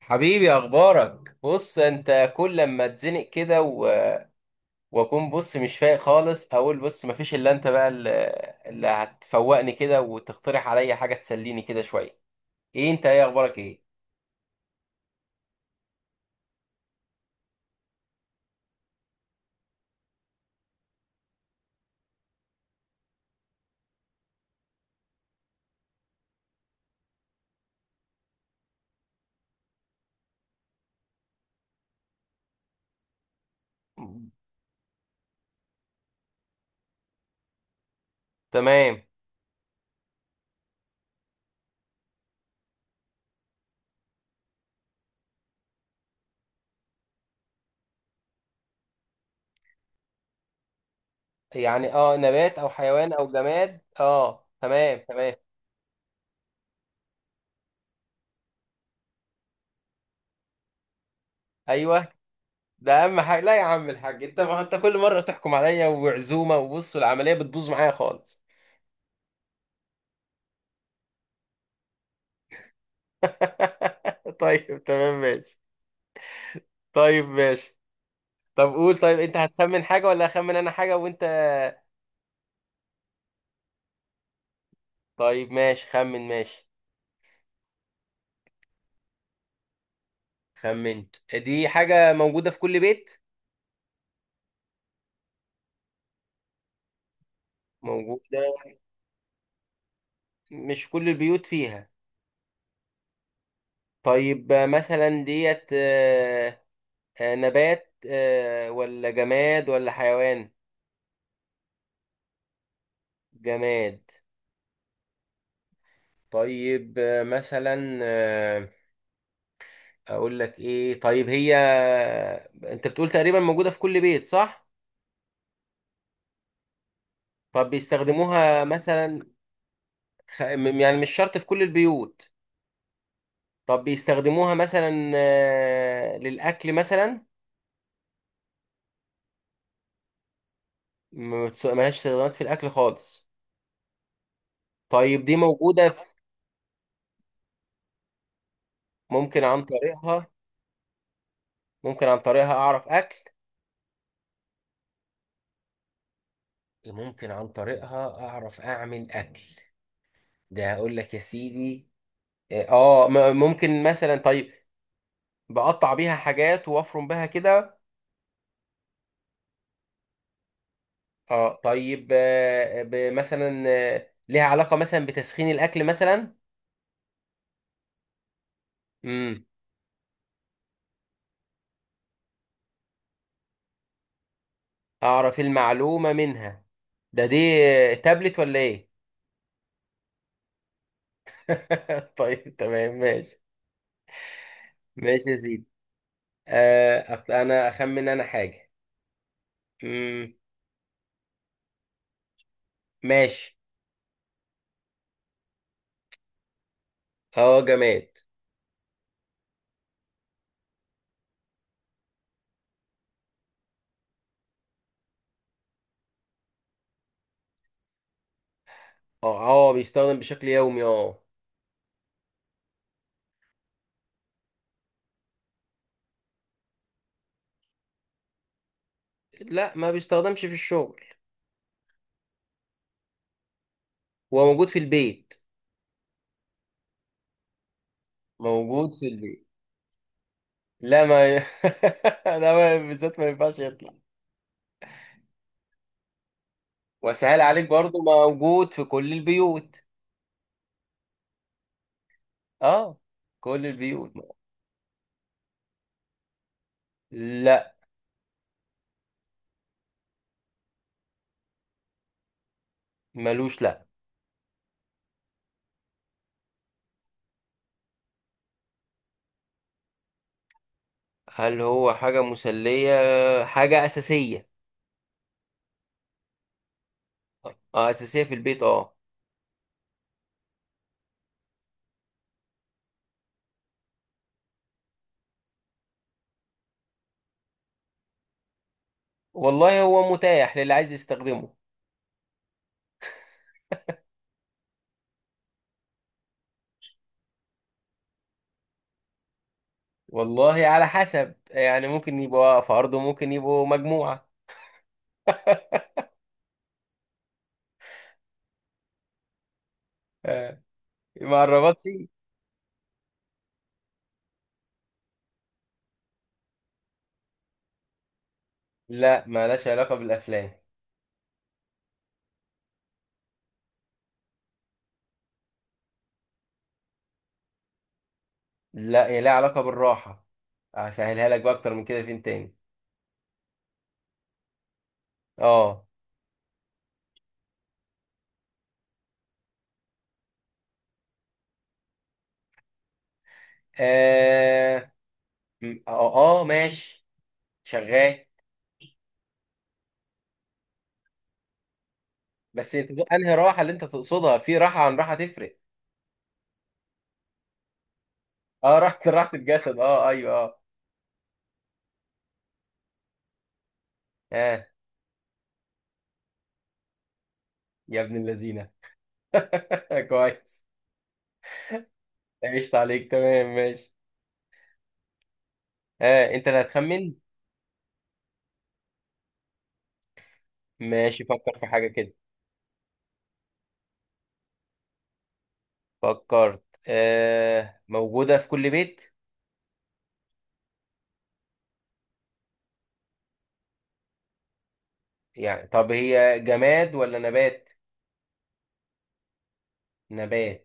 حبيبي، اخبارك؟ بص، انت كل لما اتزنق كده واكون بص مش فايق خالص، اقول بص مفيش الا انت بقى اللي هتفوقني كده وتقترح عليا حاجه تسليني كده شويه. ايه انت، ايه اخبارك، ايه؟ تمام. يعني اه، نبات او حيوان او جماد. اه، تمام تمام. ايوه. ده اهم حاجه. لا يا عم الحاج، انت ما انت كل مره تحكم عليا وعزومه، وبص العمليه بتبوظ معايا خالص. طيب تمام ماشي. طيب ماشي. طب قول، طيب انت هتخمن حاجة ولا اخمن انا حاجة وانت؟ طيب ماشي، خمن. ماشي. خمنت؟ دي حاجة موجودة في كل بيت. موجودة. مش كل البيوت فيها. طيب مثلا ديت. نبات ولا جماد ولا حيوان؟ جماد. طيب آه، مثلا آه، اقول لك ايه طيب، هي انت بتقول تقريبا موجودة في كل بيت، صح؟ طب بيستخدموها مثلا، يعني مش شرط في كل البيوت. طب بيستخدموها مثلا للأكل مثلا؟ ما بتس- ملهاش استخدامات في الأكل خالص. طيب دي موجودة. ممكن عن طريقها. ممكن عن طريقها أعرف أكل. ممكن عن طريقها أعرف أعمل أكل. ده هقول لك يا سيدي. اه، ممكن مثلا طيب، بقطع بيها حاجات وافرم بها كده. اه طيب، آه، ب- مثلا آه، ليها علاقة مثلا بتسخين الأكل مثلا؟ امم أعرف المعلومة منها. دي تابلت ولا إيه؟ طيب تمام ماشي. ماشي يا سيدي. انا اخمن انا حاجه. مم. ماشي. اه جماد. اه اه، بيستخدم بشكل يومي اه. لا ما بيستخدمش في الشغل. هو موجود في البيت. موجود في البيت. لا ما ي... لا، ما بالذات ما ينفعش يطلع. وسهل عليك برضو، موجود في كل البيوت. اه، كل البيوت. لا. ملوش، لا. هل هو حاجة مسلية؟ حاجة أساسية. طيب، اه أساسية في البيت اه. والله هو متاح للي عايز يستخدمه. والله على حسب، يعني ممكن يبقوا فرد وممكن يبقوا مجموعة. آه، مع الرباط فيه. لا مالهاش علاقة بالأفلام. لا، هي لها علاقة بالراحة. هسهلها لك بقى أكتر من كده فين تاني. اه. اه ماشي شغال. بس انت بقى انهي راحة اللي انت تقصدها، في راحة عن راحة تفرق. اه راحة، راحة الجسد، اه ايوه اه. اه يا ابن اللذينة. كويس، عشت عليك، تمام ماشي. آه انت اللي هتخمن. ماشي، فكر في حاجة كده. فكرت؟ آه، موجودة في كل بيت. يعني طب هي جماد ولا نبات؟ نبات.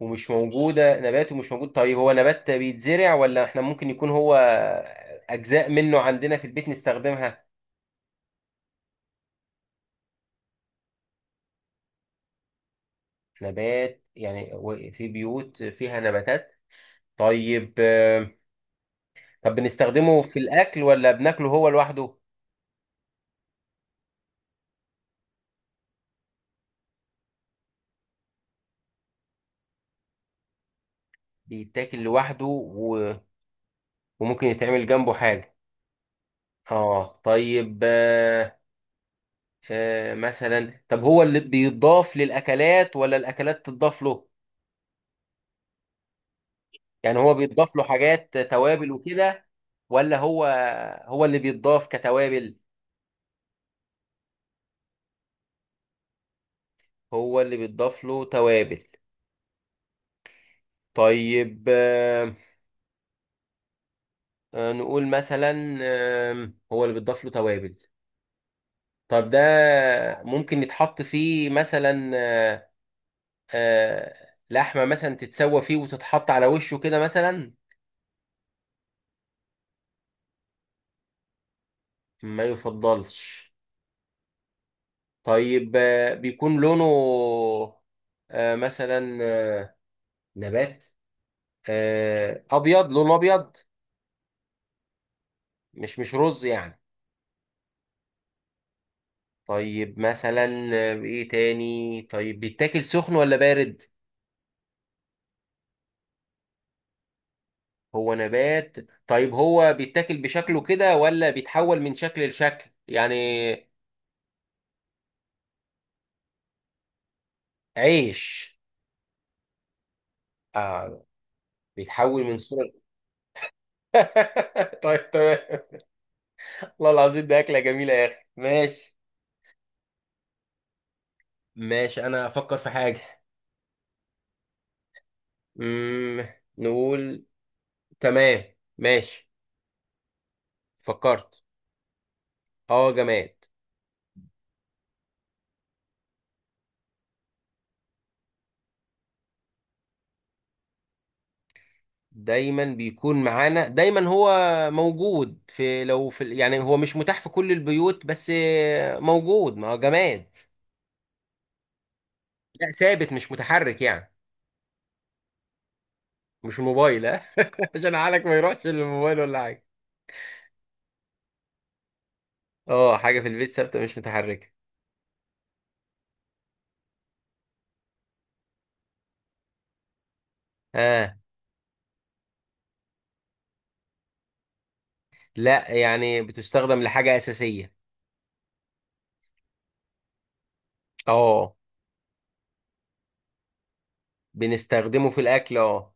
ومش موجودة. نبات ومش موجود. طيب هو نبات بيتزرع، ولا احنا ممكن يكون هو أجزاء منه عندنا في البيت نستخدمها؟ نبات يعني، في بيوت فيها نباتات. طيب آه. طب بنستخدمه في الأكل ولا بناكله هو لوحده؟ بيتاكل لوحده، وممكن يتعمل جنبه حاجة. اه طيب آه. آه مثلا، طب هو اللي بيضاف للاكلات ولا الاكلات تضاف له؟ يعني هو بيضاف له حاجات توابل وكده، ولا هو، هو اللي بيضاف كتوابل؟ هو اللي بيضاف له توابل. طيب آه. نقول مثلا آه، هو اللي بيضاف له توابل. طب ده ممكن يتحط فيه مثلا آه، آه لحمة مثلا، تتسوى فيه وتتحط على وشه كده مثلا؟ ما يفضلش. طيب، بيكون لونه آه، مثلا آه، نبات، ابيض، لونه ابيض. مش رز يعني؟ طيب مثلا ايه تاني، طيب بيتاكل سخن ولا بارد؟ هو نبات. طيب هو بيتاكل بشكله كده، ولا بيتحول من شكل لشكل يعني؟ عيش؟ اه، بيتحول من صورة. طيب تمام. والله العظيم ده أكلة جميلة يا أخي، ماشي. ماشي، أنا أفكر في حاجة. مم. نقول. تمام ماشي. فكرت. اه جماد. دايما بيكون معانا. دايما هو موجود لو في يعني هو مش متاح في كل البيوت، بس موجود، ما هو جماد. لا ثابت، مش متحرك يعني. مش الموبايل، ها. عشان عقلك ما يروحش للموبايل ولا حاجه. اه، حاجه في البيت ثابته مش متحركه. اه لا، يعني بتستخدم لحاجه اساسيه. اه. بنستخدمه في الاكل اه.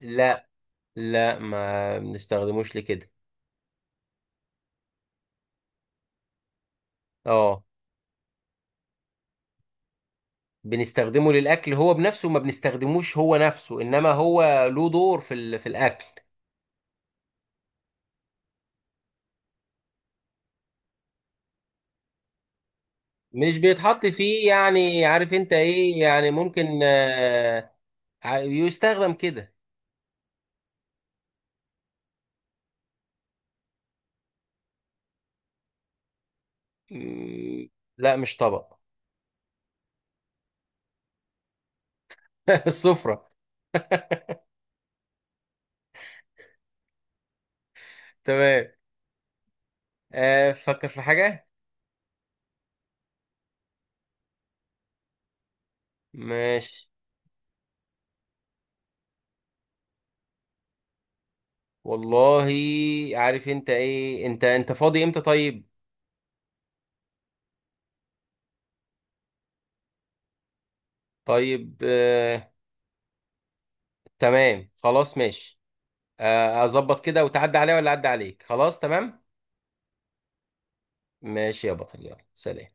لا. لا، ما بنستخدموش لكده. اه. بنستخدمه للاكل، هو بنفسه ما بنستخدموش، هو نفسه، انما هو له دور في الاكل. مش بيتحط فيه، يعني عارف انت ايه، يعني ممكن يستخدم كده. مم، لا مش طبق. السفرة. تمام. فكر في حاجة. ماشي. والله، عارف انت ايه، انت فاضي امتى طيب؟ طيب تمام خلاص ماشي. اظبط كده وتعدي عليا ولا اعدي عليك؟ خلاص تمام. ماشي يا بطل، يلا سلام.